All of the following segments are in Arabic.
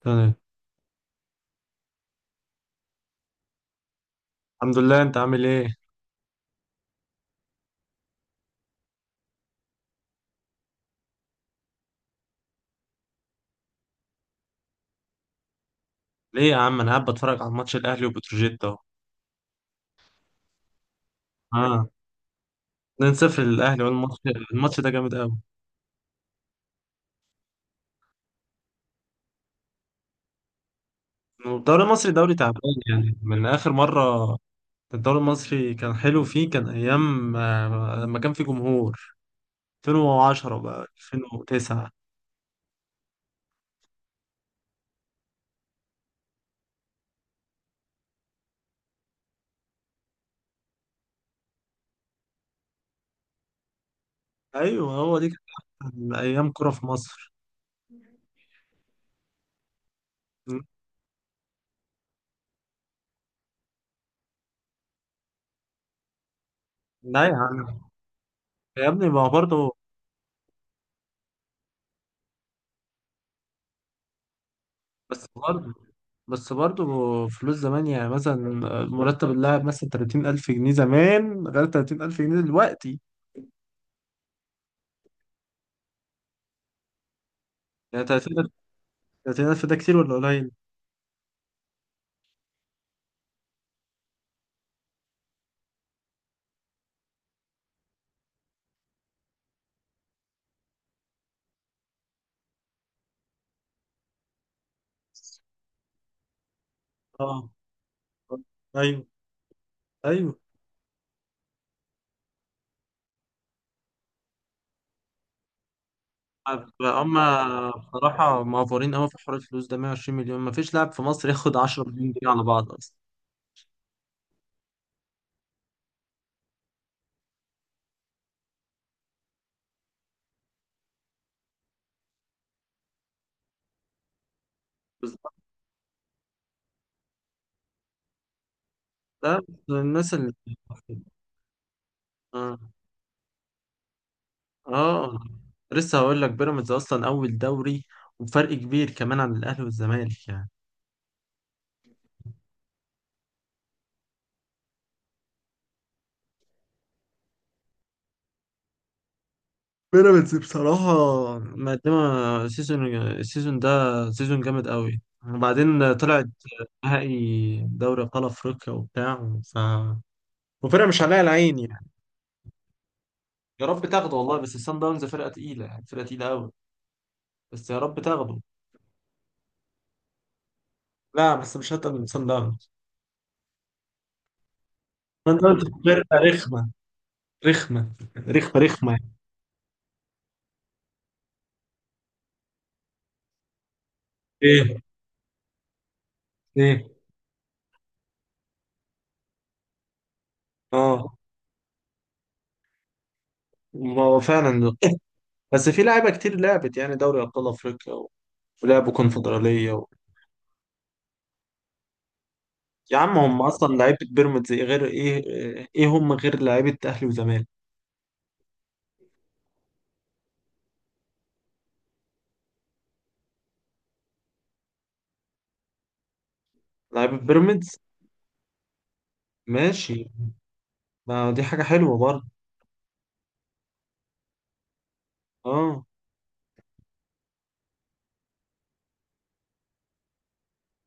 تمام. الحمد لله، انت عامل ايه؟ ليه يا عم؟ انا قاعد بتفرج على ماتش الاهلي وبتروجيت اهو. اه. 2-0 للاهلي والماتش. الماتش ده جامد قوي. الدوري المصري دوري تعبان. يعني من اخر مره، الدوري المصري كان حلو، فيه كان ايام لما كان في جمهور 2010 بقى 2009. ايوه، هو دي كانت احسن ايام كرة في مصر. لا يا عم. يا ابني، ما هو برضه. بس برضه بس برضه. فلوس زمان يعني مثلا، مرتب اللاعب مثلا 30,000 جنيه زمان غير 30,000 جنيه دلوقتي. يعني 30,000. 30,000 ده كتير ولا قليل؟ اه. ايوه، ايوه. هم بصراحة معفورين قوي في حوار الفلوس ده. 120 مليون، ما فيش لاعب في مصر ياخد 10 مليون جنيه على بعض اصلا. بس ده الناس اللي. اه، اه. لسه هقول لك، بيراميدز اصلا اول دوري، وبفرق كبير كمان عن الاهلي والزمالك يعني. بيراميدز بصراحة مقدمة السيزون ده. سيزون جامد قوي. وبعدين طلعت نهائي دوري أبطال أفريقيا وبتاع وفرقة مش عليها العين يعني. يا رب تاخده والله، بس الصن داونز فرقة تقيلة، يعني فرقة تقيلة قوي. بس يا رب تاخده. لا، بس مش هتقل من صن داونز. صن داونز فرقة رخمة. رخمة. رخمة رخمة يعني. ايه، ايه. اه، ما هو فعلا. بس في لعيبة كتير لعبت يعني دوري أبطال أفريقيا ولعبوا كونفدرالية. يا عم، هم اصلا لعيبه بيراميدز إيه غير ايه؟ ايه هم غير لعيبه اهلي وزمالك؟ لعيبه بيراميدز. ماشي. ما دي حاجه حلوه برضه. اه،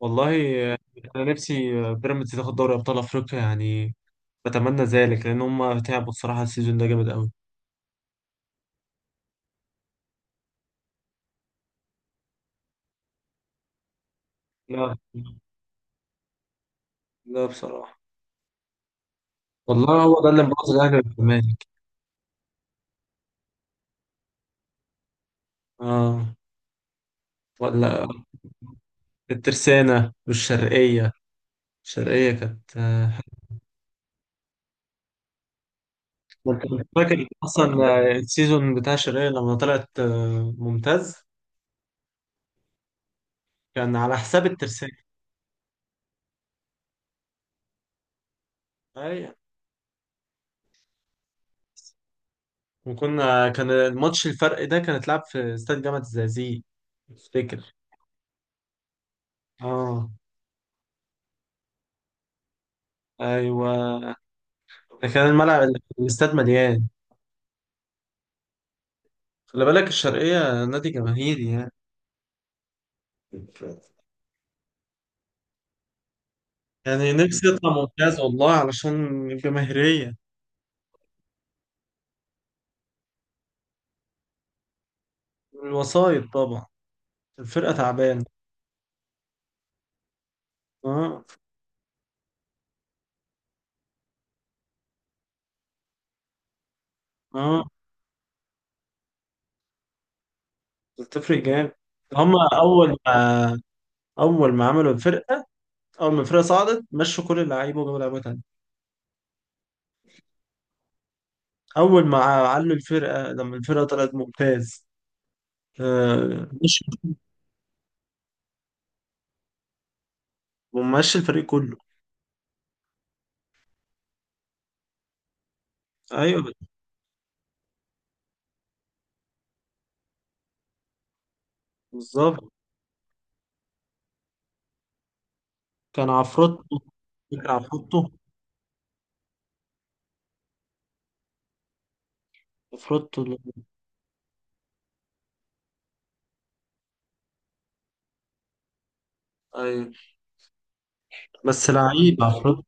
والله. انا نفسي بيراميدز تاخد دوري ابطال افريقيا يعني، بتمنى ذلك لان هم تعبوا الصراحه، السيزون ده جامد قوي. لا. لا بصراحه. والله هو ده اللي مبوظ الاهلي والزمالك. اه. ولا الترسانه والشرقيه. الشرقيه كانت. ما انت كنت فاكر اصلا السيزون بتاع شيرين لما طلعت ممتاز. كان على حساب الترسانة. اي. وكنا كان الماتش، الفرق ده كان اتلعب في استاد جامعة الزقازيق، افتكر. اه. ايوه. ده كان الملعب، الاستاد مليان. خلي بالك، الشرقية نادي جماهيري يعني. يعني نفسي يطلع ممتاز والله علشان الجماهيرية. الوسايط طبعا. الفرقة تعبانة. اه. اه. بتفرق جامد. هما أول ما عملوا الفرقه، اول ما الفرقه صعدت، مشوا كل اللعيبه وجابوا لعيبه تانية. اول ما علوا الفرقه، لما الفرقه طلعت ممتاز، مشي، ومشي الفريق كله. ايوه، بالظبط. كان عفروتو. فاكر عفروتو؟ عفروتو. ايوه. بس لعيب عفروتو.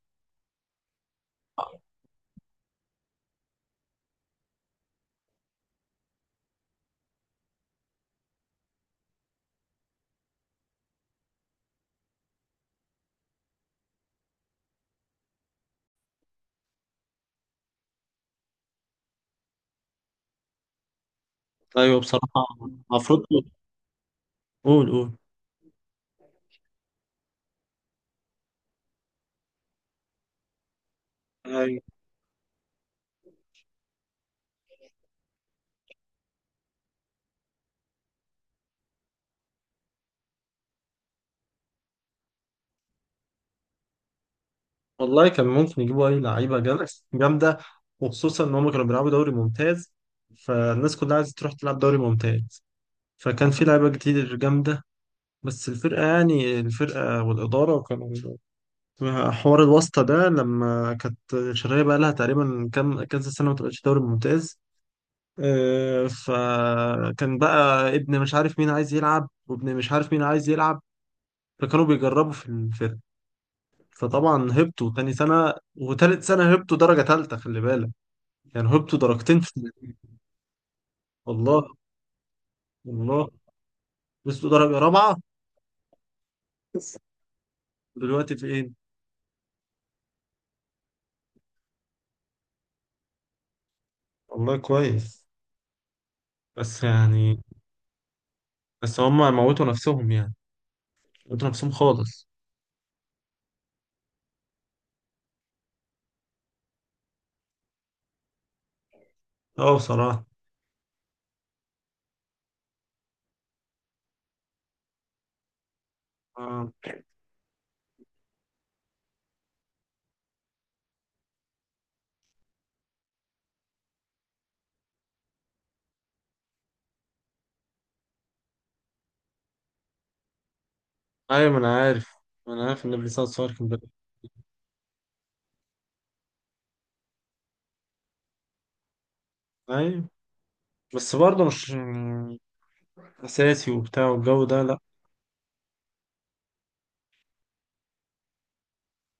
ايوه، بصراحه. عفروتو. قول، قول. ايوه، والله كان ممكن يجيبوا اي لعيبه جامده. جامده. وخصوصا ان هم كانوا بيلعبوا دوري ممتاز، فالناس كلها عايزه تروح تلعب دوري ممتاز. فكان في لعيبة كتير جامدة. بس الفرقة يعني الفرقة والإدارة كانوا حوار الواسطة ده، لما كانت الشرقية بقى لها تقريبا كام كذا سنة ما تبقاش دوري ممتاز. فكان بقى ابن مش عارف مين عايز يلعب وابن مش عارف مين عايز يلعب. فكانوا بيجربوا في الفرقة. فطبعا هبطوا تاني سنة وتالت سنة هبطوا درجة تالتة، خلي بالك. يعني هبطوا درجتين في سنة. والله. والله. وصلوا درجة رابعة. دلوقتي في ايه؟ والله كويس. بس يعني، بس هم موتوا نفسهم يعني. موتوا نفسهم خالص. اه، بصراحة. آه. ايوه، ما انا عارف. ما انا عارف ان ابن سعد صغير كان بيلعب. ايوه، بس برضه مش يعني اساسي وبتاع والجو ده، لا.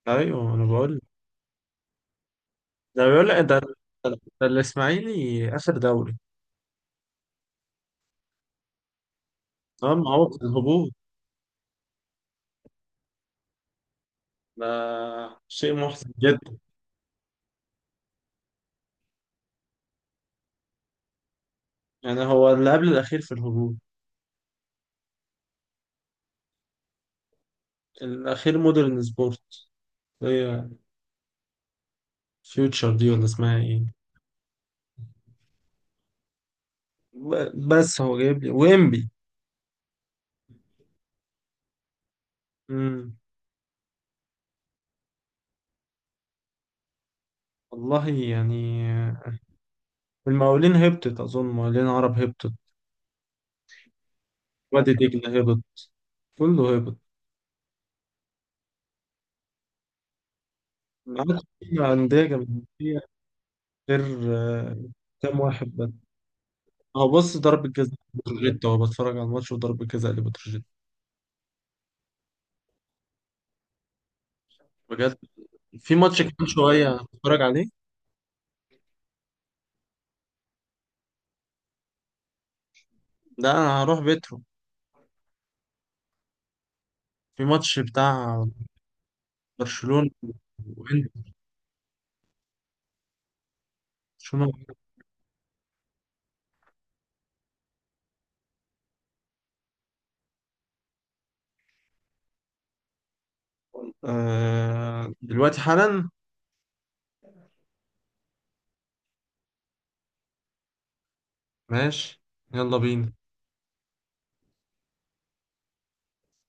ايوه انا بقول لك. ده بيقول لك، ده الاسماعيلي اخر دوري. اه، ما هو في الهبوط. ده شيء محزن جدا. يعني هو اللي قبل الاخير في الهبوط. الاخير مودرن سبورت. هي فيوتشر دي ولا اسمها ايه؟ بس هو جايب لي ويمبي. امم. والله يعني. المقاولين هبطت، أظن مقاولين عرب هبطت. وادي دجلة هبط. كله هبط. معاك. أندية جماهيرية غير آه، كام واحد بس. هو بص، ضربة جزاء بتروجيت. هو بتفرج على الماتش وضربة جزاء لبتروجيت. بجد، في ماتش كمان شوية هتفرج عليه. ده أنا هروح بيترو. في ماتش بتاع برشلونة وإنتر. برشلونة وإنتر. آه، دلوقتي حالا. ماشي. يلا بينا.